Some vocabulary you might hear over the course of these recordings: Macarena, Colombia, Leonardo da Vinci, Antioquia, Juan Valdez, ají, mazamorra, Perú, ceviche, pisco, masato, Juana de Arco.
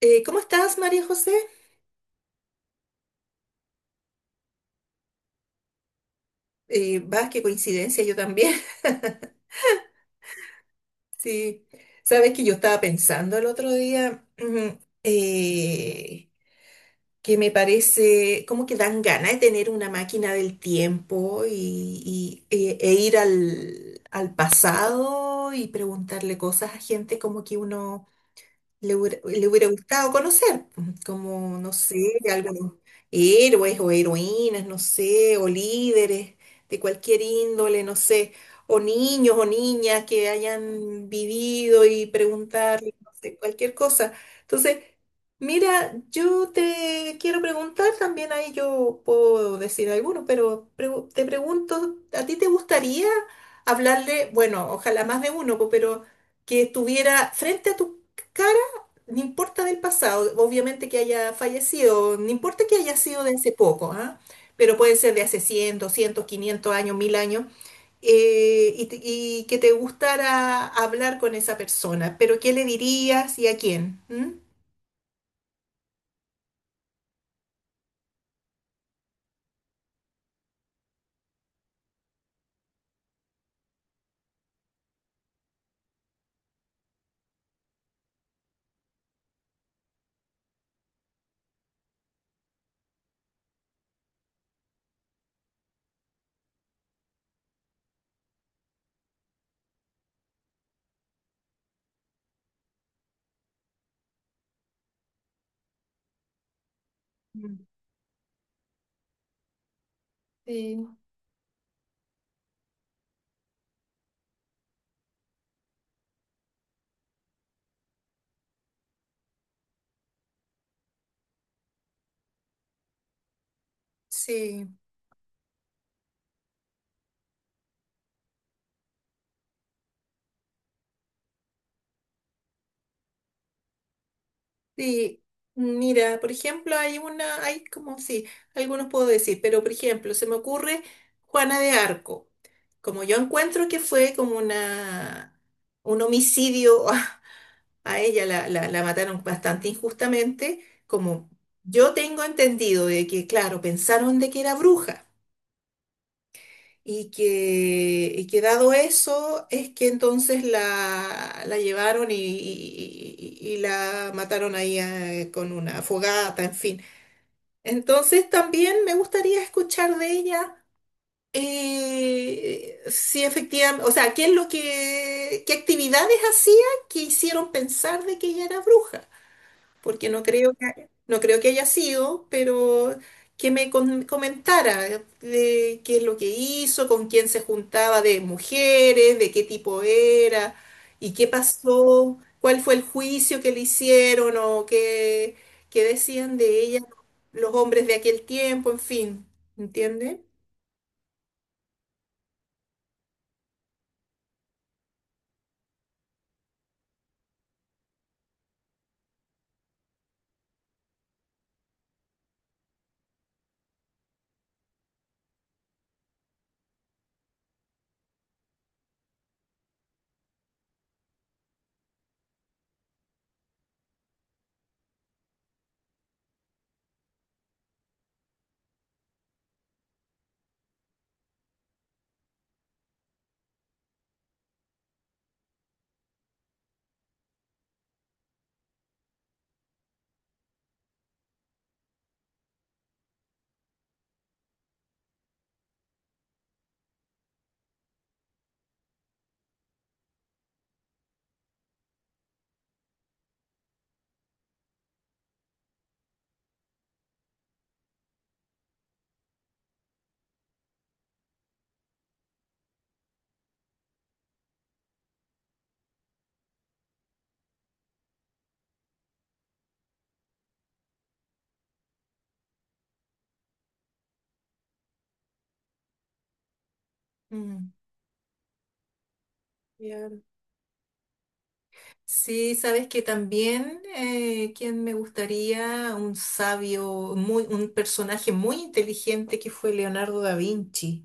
¿Cómo estás, María José? Qué coincidencia, yo también. Sí, sabes que yo estaba pensando el otro día ujú, que me parece como que dan ganas de tener una máquina del tiempo e ir al pasado y preguntarle cosas a gente como que uno le hubiera gustado conocer, pues, como, no sé, algunos héroes o heroínas, no sé, o líderes de cualquier índole, no sé, o niños o niñas que hayan vivido y preguntarle, no sé, cualquier cosa. Entonces, mira, yo te quiero preguntar, también ahí yo puedo decir algunos, pero te pregunto, ¿a ti te gustaría hablarle, bueno, ojalá más de uno, po, pero que estuviera frente a tu cara? No importa del pasado, obviamente que haya fallecido, no importa que haya sido de hace poco, ¿ah? Pero puede ser de hace 100, 200, 500 años, 1000 años, y que te gustara hablar con esa persona. Pero ¿qué le dirías y a quién? ¿Mm? Mm. Sí. Sí, sí. Mira, por ejemplo, hay como, sí, algunos puedo decir, pero por ejemplo, se me ocurre Juana de Arco. Como yo encuentro que fue como una, un homicidio. A ella la mataron bastante injustamente, como yo tengo entendido de que, claro, pensaron de que era bruja y que dado eso es que entonces la llevaron y la mataron ahí con una fogata, en fin. Entonces también me gustaría escuchar de ella. Eh, si efectivamente, o sea, ¿qué es lo que, qué actividades hacía que hicieron pensar de que ella era bruja? Porque no creo que haya sido, pero que me comentara de qué es lo que hizo, con quién se juntaba de mujeres, de qué tipo era y qué pasó, cuál fue el juicio que le hicieron o qué, qué decían de ella los hombres de aquel tiempo, en fin, ¿entiende? Mm. Ya. Sí, sabes que también quien me gustaría, un sabio, muy, un personaje muy inteligente que fue Leonardo da Vinci.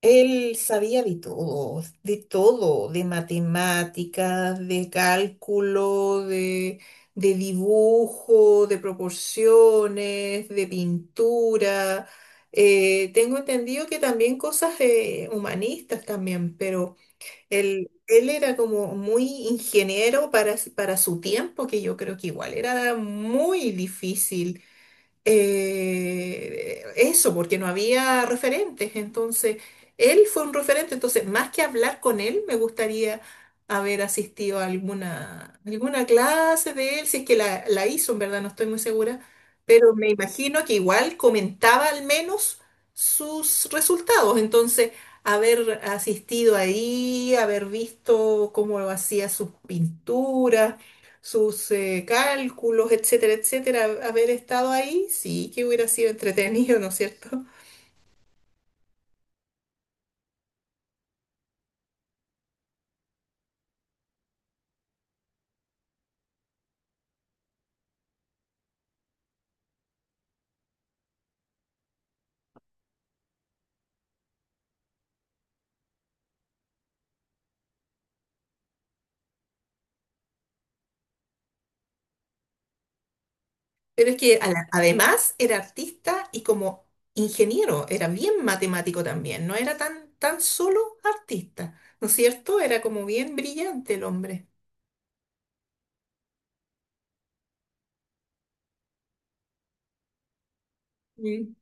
Él sabía de todo, de todo, de matemáticas, de cálculo, de dibujo, de proporciones, de pintura. Tengo entendido que también cosas humanistas también, pero... Él era como muy ingeniero para su tiempo, que yo creo que igual era muy difícil eso, porque no había referentes. Entonces, él fue un referente. Entonces, más que hablar con él, me gustaría haber asistido a alguna clase de él, si es que la hizo, en verdad, no estoy muy segura, pero me imagino que igual comentaba al menos sus resultados. Entonces, haber asistido ahí, haber visto cómo hacía sus pinturas, sus cálculos, etcétera, etcétera, haber estado ahí, sí que hubiera sido entretenido, ¿no es cierto? Pero es que además era artista y como ingeniero, era bien matemático también, no era tan solo artista, ¿no es cierto? Era como bien brillante el hombre. Sí.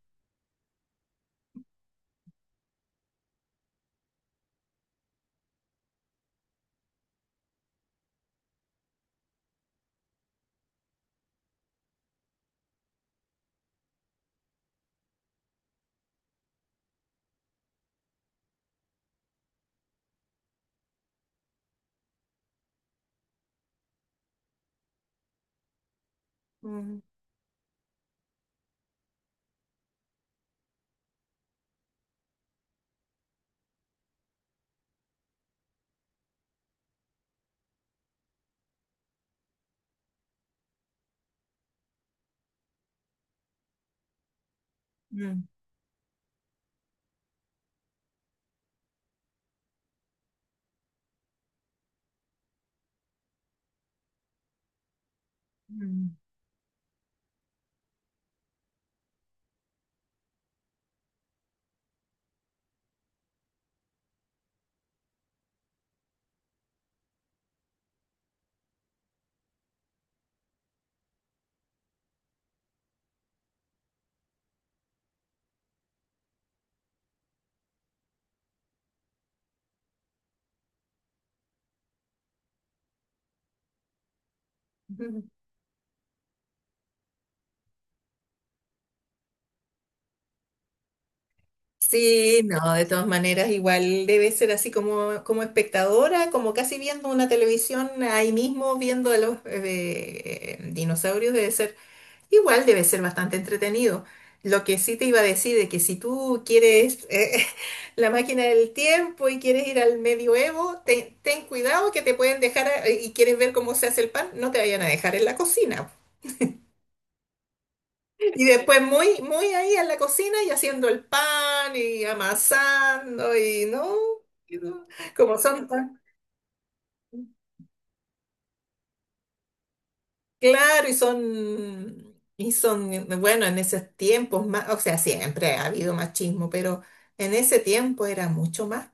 Mm, mm, mm, mm. Sí, no, de todas maneras, igual debe ser así como, como espectadora, como casi viendo una televisión ahí mismo, viendo a los dinosaurios, debe ser, igual debe ser bastante entretenido. Lo que sí te iba a decir es que si tú quieres la máquina del tiempo y quieres ir al medioevo, ten cuidado que te pueden dejar y quieres ver cómo se hace el pan, no te vayan a dejar en la cocina. Y después muy ahí en la cocina y haciendo el pan y amasando y no, y no, como son tan claro y son, bueno, en esos tiempos más, o sea, siempre ha habido machismo, pero en ese tiempo era mucho más.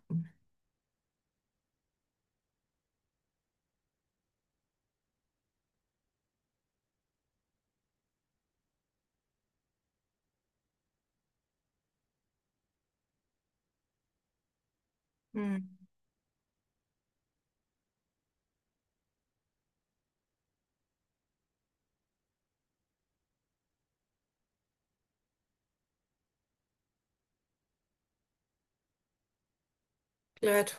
Mm. Claro,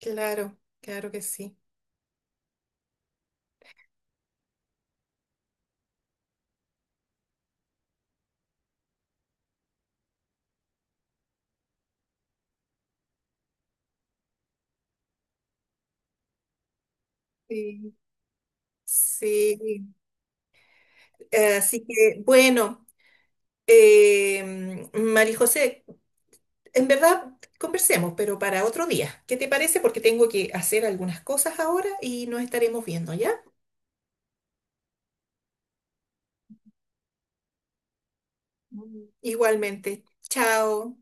claro que sí. Sí. Sí, así que bueno, María José, en verdad, conversemos, pero para otro día. ¿Qué te parece? Porque tengo que hacer algunas cosas ahora y nos estaremos viendo, ¿ya? Mm. Igualmente. Chao.